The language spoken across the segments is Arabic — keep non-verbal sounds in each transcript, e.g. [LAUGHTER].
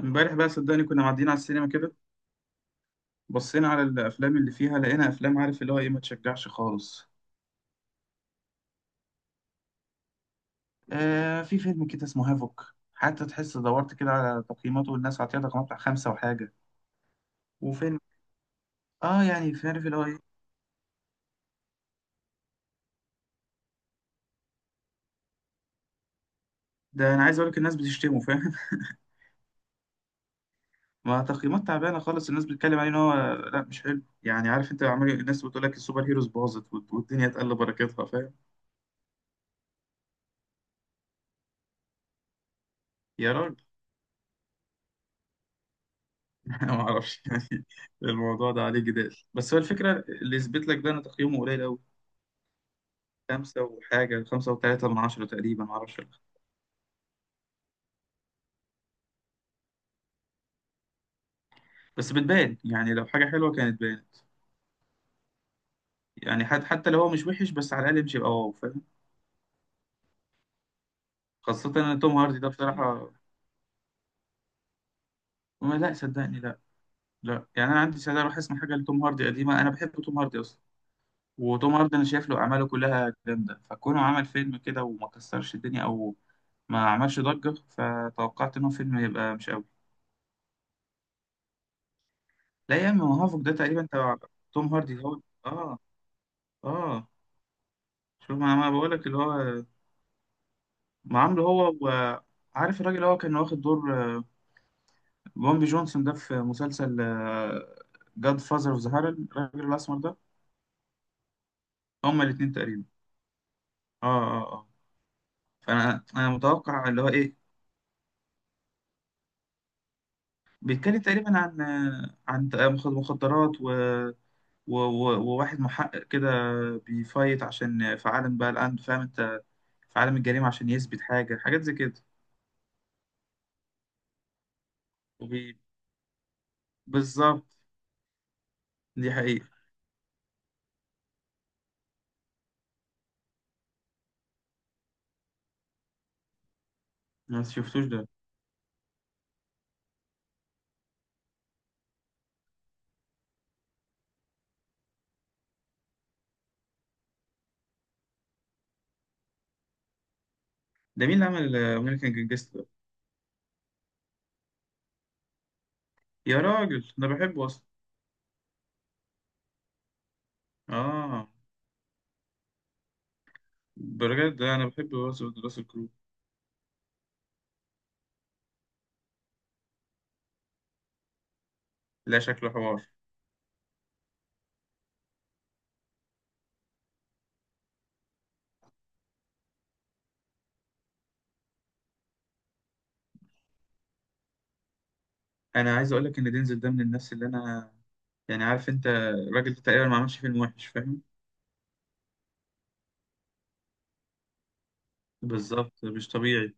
امبارح بقى صدقني كنا معديين على السينما كده، بصينا على الافلام اللي فيها، لقينا افلام عارف اللي هو ايه ما تشجعش خالص. آه، في فيلم كده اسمه هافوك، حتى تحس دورت كده على تقييماته والناس عطيها تقييمات بتاع خمسة وحاجة. وفيلم اه يعني في عارف اللي هو ايه. ده انا عايز اقول لك الناس بتشتمه فاهم. [LAUGHS] ما تقييمات تعبانه خالص، الناس بتتكلم عليه ان هو لا مش حلو. يعني عارف انت، عمال الناس بتقول لك السوبر هيروز باظت والدنيا اتقل بركتها فاهم. يا راجل. [LAUGHS] انا ما اعرفش يعني. الموضوع ده عليه جدال، بس هو الفكره اللي يثبت لك ده ان تقييمه قليل قوي، خمسة وحاجة، خمسة وتلاتة من عشرة تقريبا، معرفش بس بتبان يعني، لو حاجة حلوة كانت بانت، يعني حد حتى لو هو مش وحش بس على الأقل مش يبقى واو فاهم، خاصة إن توم هاردي ده بصراحة. ما لا صدقني لا. لا يعني أنا عندي سعادة أروح أسمع حاجة لتوم هاردي قديمة، أنا بحب توم هاردي أصلا. وتوم هاردي أنا شايف له أعماله كلها جامدة، فكونه عمل فيلم كده وما كسرش الدنيا أو ما عملش ضجة فتوقعت إن هو فيلم يبقى مش قوي. لا يا عم، ما هافوك ده تقريبا تبع توم هاردي، هو آه. آه شوف، ما أنا بقول لك اللي هو ما عامله هو، وعارف الراجل اللي هو كان واخد دور بومبي جونسون ده في مسلسل جاد فازر اوف ذا هارل الراجل الاسمر ده، هما الاثنين تقريبا. اه اه اه. فانا متوقع اللي هو ايه. بيتكلم تقريبا عن عن مخدرات وواحد محقق كده، بيفايت عشان في عالم بقى الان فاهم انت، في عالم الجريمه، عشان يثبت حاجه حاجات زي كده. وبي... بالظبط. دي حقيقه. ما شفتوش ده. ده مين اللي عمل امريكان جانجستر. يا راجل انا بحبه اصلا. اه، بجد انا بحب راسل كرو. لا شكله حوار. انا عايز اقول لك ان دينزل ده من الناس اللي انا، يعني عارف انت الراجل ده تقريبا ما عملش فيلم وحش فاهم. بالظبط، مش طبيعي.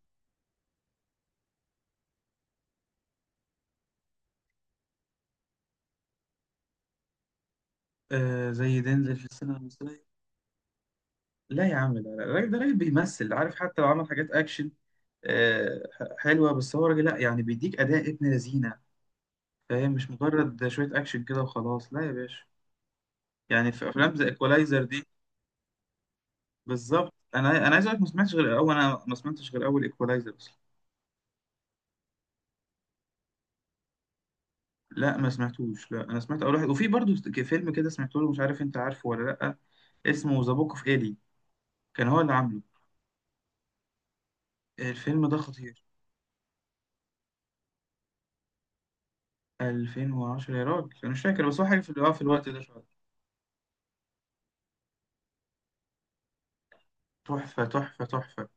آه زي دينزل في السينما المصريه. لا يا عم، لا لا، الراجل ده راجل بيمثل، عارف حتى لو عمل حاجات اكشن آه حلوه، بس هو راجل لا يعني بيديك اداء ابن لذينه فاهم. مش مجرد شويه اكشن كده وخلاص، لا يا باشا. يعني في افلام زي ايكولايزر دي. بالظبط، انا عايز اقول لك ما سمعتش غير اول، انا ما سمعتش غير اول ايكولايزر اصلا. لا ما سمعتوش، لا انا سمعت اول واحد. وفي برضه فيلم كده سمعته له، مش عارف انت عارفه ولا لا، اسمه ذا بوك اوف ايلي، كان هو اللي عامله، الفيلم ده خطير. 2010 يا راجل انا مش فاكر، بس هو حاجه في آه، في الوقت ده شويه. تحفه تحفه تحفه،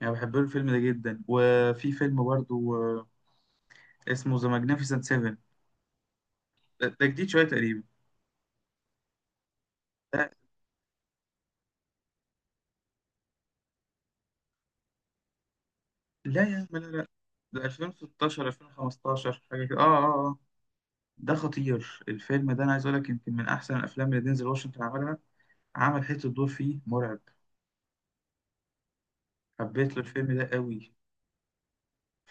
يعني بحب له الفيلم ده جدا. وفي فيلم برضه اسمه ذا ماجنيفيسنت 7، ده جديد شويه تقريبا. لا، لا يا عم لا لا، ده 2016 2015 حاجه كده، اه اه اه. ده خطير الفيلم ده، انا عايز اقول لك يمكن من احسن الافلام اللي دينزل واشنطن عملها، عمل حته دور فيه مرعب. حبيت له الفيلم ده قوي.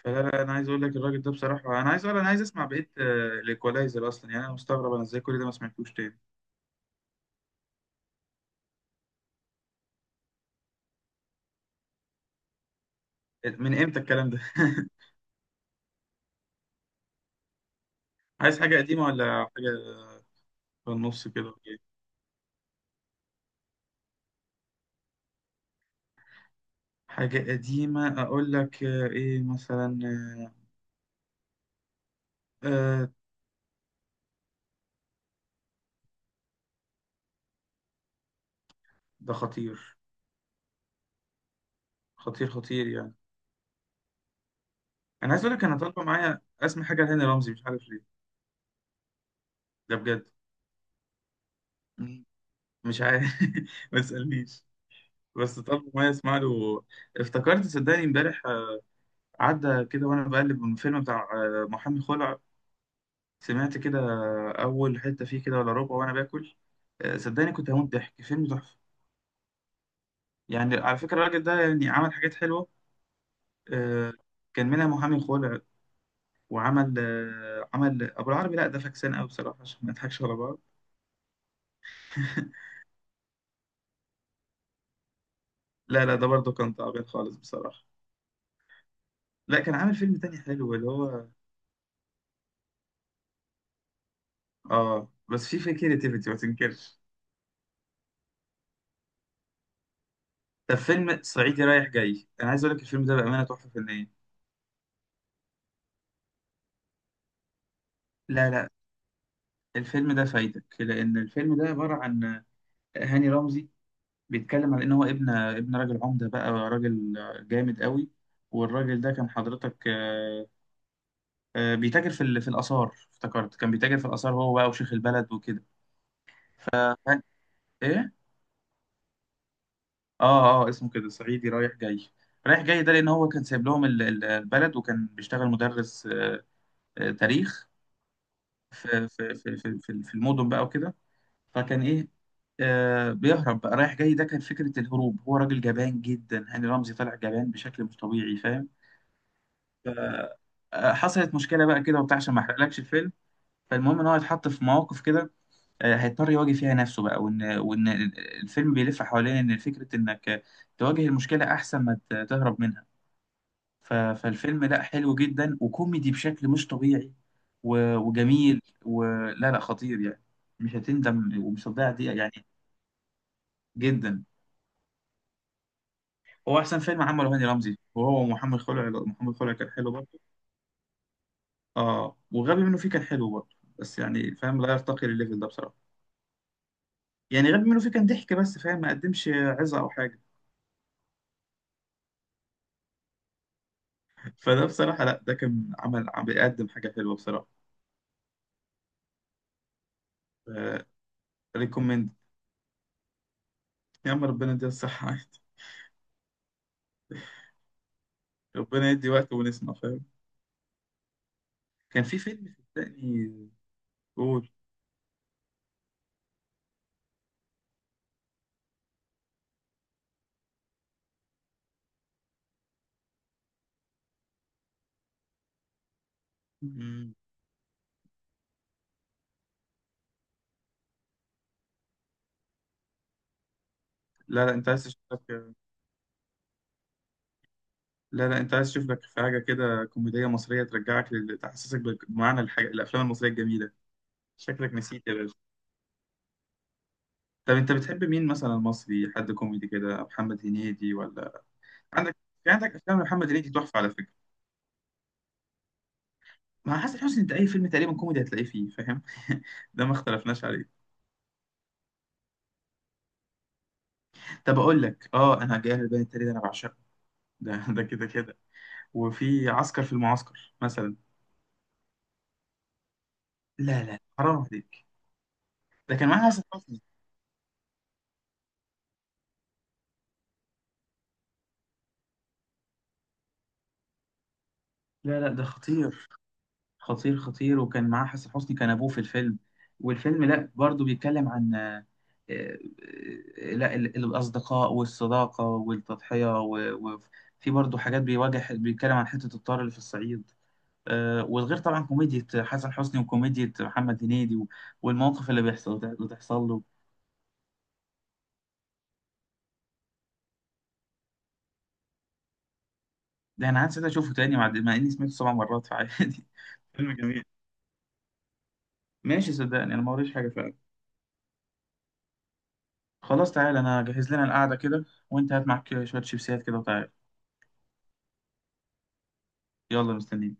فلا لا، انا عايز اقول لك الراجل ده بصراحه، انا عايز اقول انا عايز اسمع بقيه الايكولايزر اصلا، يعني انا مستغرب انا ازاي كل ده ما سمعتوش تاني. إيه، من امتى الكلام ده. [LAUGHS] عايز حاجه قديمه ولا حاجه، في النص كده ولا إيه؟ حاجه قديمه اقول لك آه، ايه مثلا. آه، ده خطير، خطير خطير يعني. انا عايز اقول لك انا طالبه معايا اسمع حاجه لهاني رمزي مش عارف ليه. ده بجد، مش عارف. [LAUGHS] ما تسألنيش. بس طب ما اسمع له. افتكرت صدقني امبارح عدى كده وانا بقلب، من الفيلم بتاع محامي خلع. سمعت كده اول حتة فيه كده ولا ربع وانا باكل، صدقني كنت هموت ضحك، فيلم تحفة. يعني على فكرة الراجل ده يعني عمل حاجات حلوة، آه، كان منها محامي خلع، وعمل آه، عمل ابو العربي، لا ده فاكسان قوي بصراحة عشان ما نضحكش على بعض. [LAUGHS] لا لا ده برضه كان تعبان خالص بصراحة. لا كان عامل فيلم تاني حلو اللي هو. اه بس في كريتيفيتي ما تنكرش. طب فيلم صعيدي رايح جاي، انا عايز اقول لك الفيلم ده بامانه تحفه فنيه. لا لا، الفيلم ده فايدك لان الفيلم ده عباره عن هاني رمزي، بيتكلم عن ان هو ابن راجل عمده بقى، راجل جامد قوي، والراجل ده كان حضرتك بيتاجر في في الاثار، افتكرت كان بيتاجر في الاثار هو بقى وشيخ البلد وكده. ف ف- ايه، اه اه اسمه كده صعيدي رايح جاي. رايح جاي ده لان هو كان سايب لهم البلد، وكان بيشتغل مدرس تاريخ في المدن بقى وكده. فكان ايه، بيهرب بقى. رايح جاي ده كان فكرة الهروب، هو راجل جبان جدا، هاني رمزي طلع جبان بشكل مش طبيعي فاهم. حصلت مشكلة بقى كده وبتاع، عشان ما احرقلكش الفيلم. فالمهم ان هو اتحط في مواقف كده هيضطر يواجه فيها نفسه بقى، وان الفيلم بيلف حوالين ان فكرة انك تواجه المشكلة احسن ما تهرب منها. فالفيلم لا حلو جدا وكوميدي بشكل مش طبيعي وجميل، ولا لا خطير يعني. مش هتندم ومش هتضيع دقيقة يعني. جدا. هو أحسن فيلم عمله هاني رمزي، وهو محمد خلع. محمد خلع كان حلو برضه. اه، وغبي منه فيه كان حلو برضه بس يعني فاهم لا يرتقي للليفل ده بصراحة. يعني غبي منه فيه كان ضحك، بس فاهم ما قدمش عظة أو حاجة. [LAUGHS] فده بصراحة لا ده كان عمل عم بيقدم حاجة حلوة بصراحة. آه. ريكومند. يا عم ربنا يديها الصحة. [LAUGHS] عادي. ربنا يدي وقت ونسمع فاهم. كان في فيلم صدقني، قول. مم. لا لا انت عايز تشوف لك، لا لا انت عايز تشوف لك في حاجه كده كوميديه مصريه ترجعك تحسسك بمعنى الحاجة، الافلام المصريه الجميله. شكلك نسيت يا باشا. طب انت بتحب مين مثلا مصري حد كوميدي كده، محمد هنيدي ولا. عندك، في عندك افلام محمد هنيدي تحفه على فكره. مع حسن حسني انت اي فيلم تقريبا كوميدي هتلاقيه فيه فاهم. [LAUGHS] ده ما اختلفناش عليه. طب اقول لك اه، انا جاي البيان التالي ده انا بعشقه، ده كده كده. وفي عسكر في المعسكر مثلا. لا لا حرام عليك، ده كان معاه حسن حسني. لا لا ده خطير خطير خطير، وكان معاه حسن حسني كان ابوه في الفيلم. والفيلم لا برضه بيتكلم عن آه، لا الاصدقاء والصداقه والتضحيه وفي برضه حاجات بيواجه، بيتكلم عن حته الطار اللي في الصعيد والغير طبعا كوميديا حسن حسني وكوميديا محمد هنيدي والمواقف اللي بيحصل ده اللي تحصل له. ده انا عايز اشوفه تاني مع اني سمعته 7 مرات فعادي. [LAUGHS] فيلم جميل. ماشي صدقني انا ما وريش حاجه فعلا. خلاص تعالى انا هجهز لنا القعده كده، وانت هات معاك شويه شيبسيات كده وتعالى. يلا مستنيين.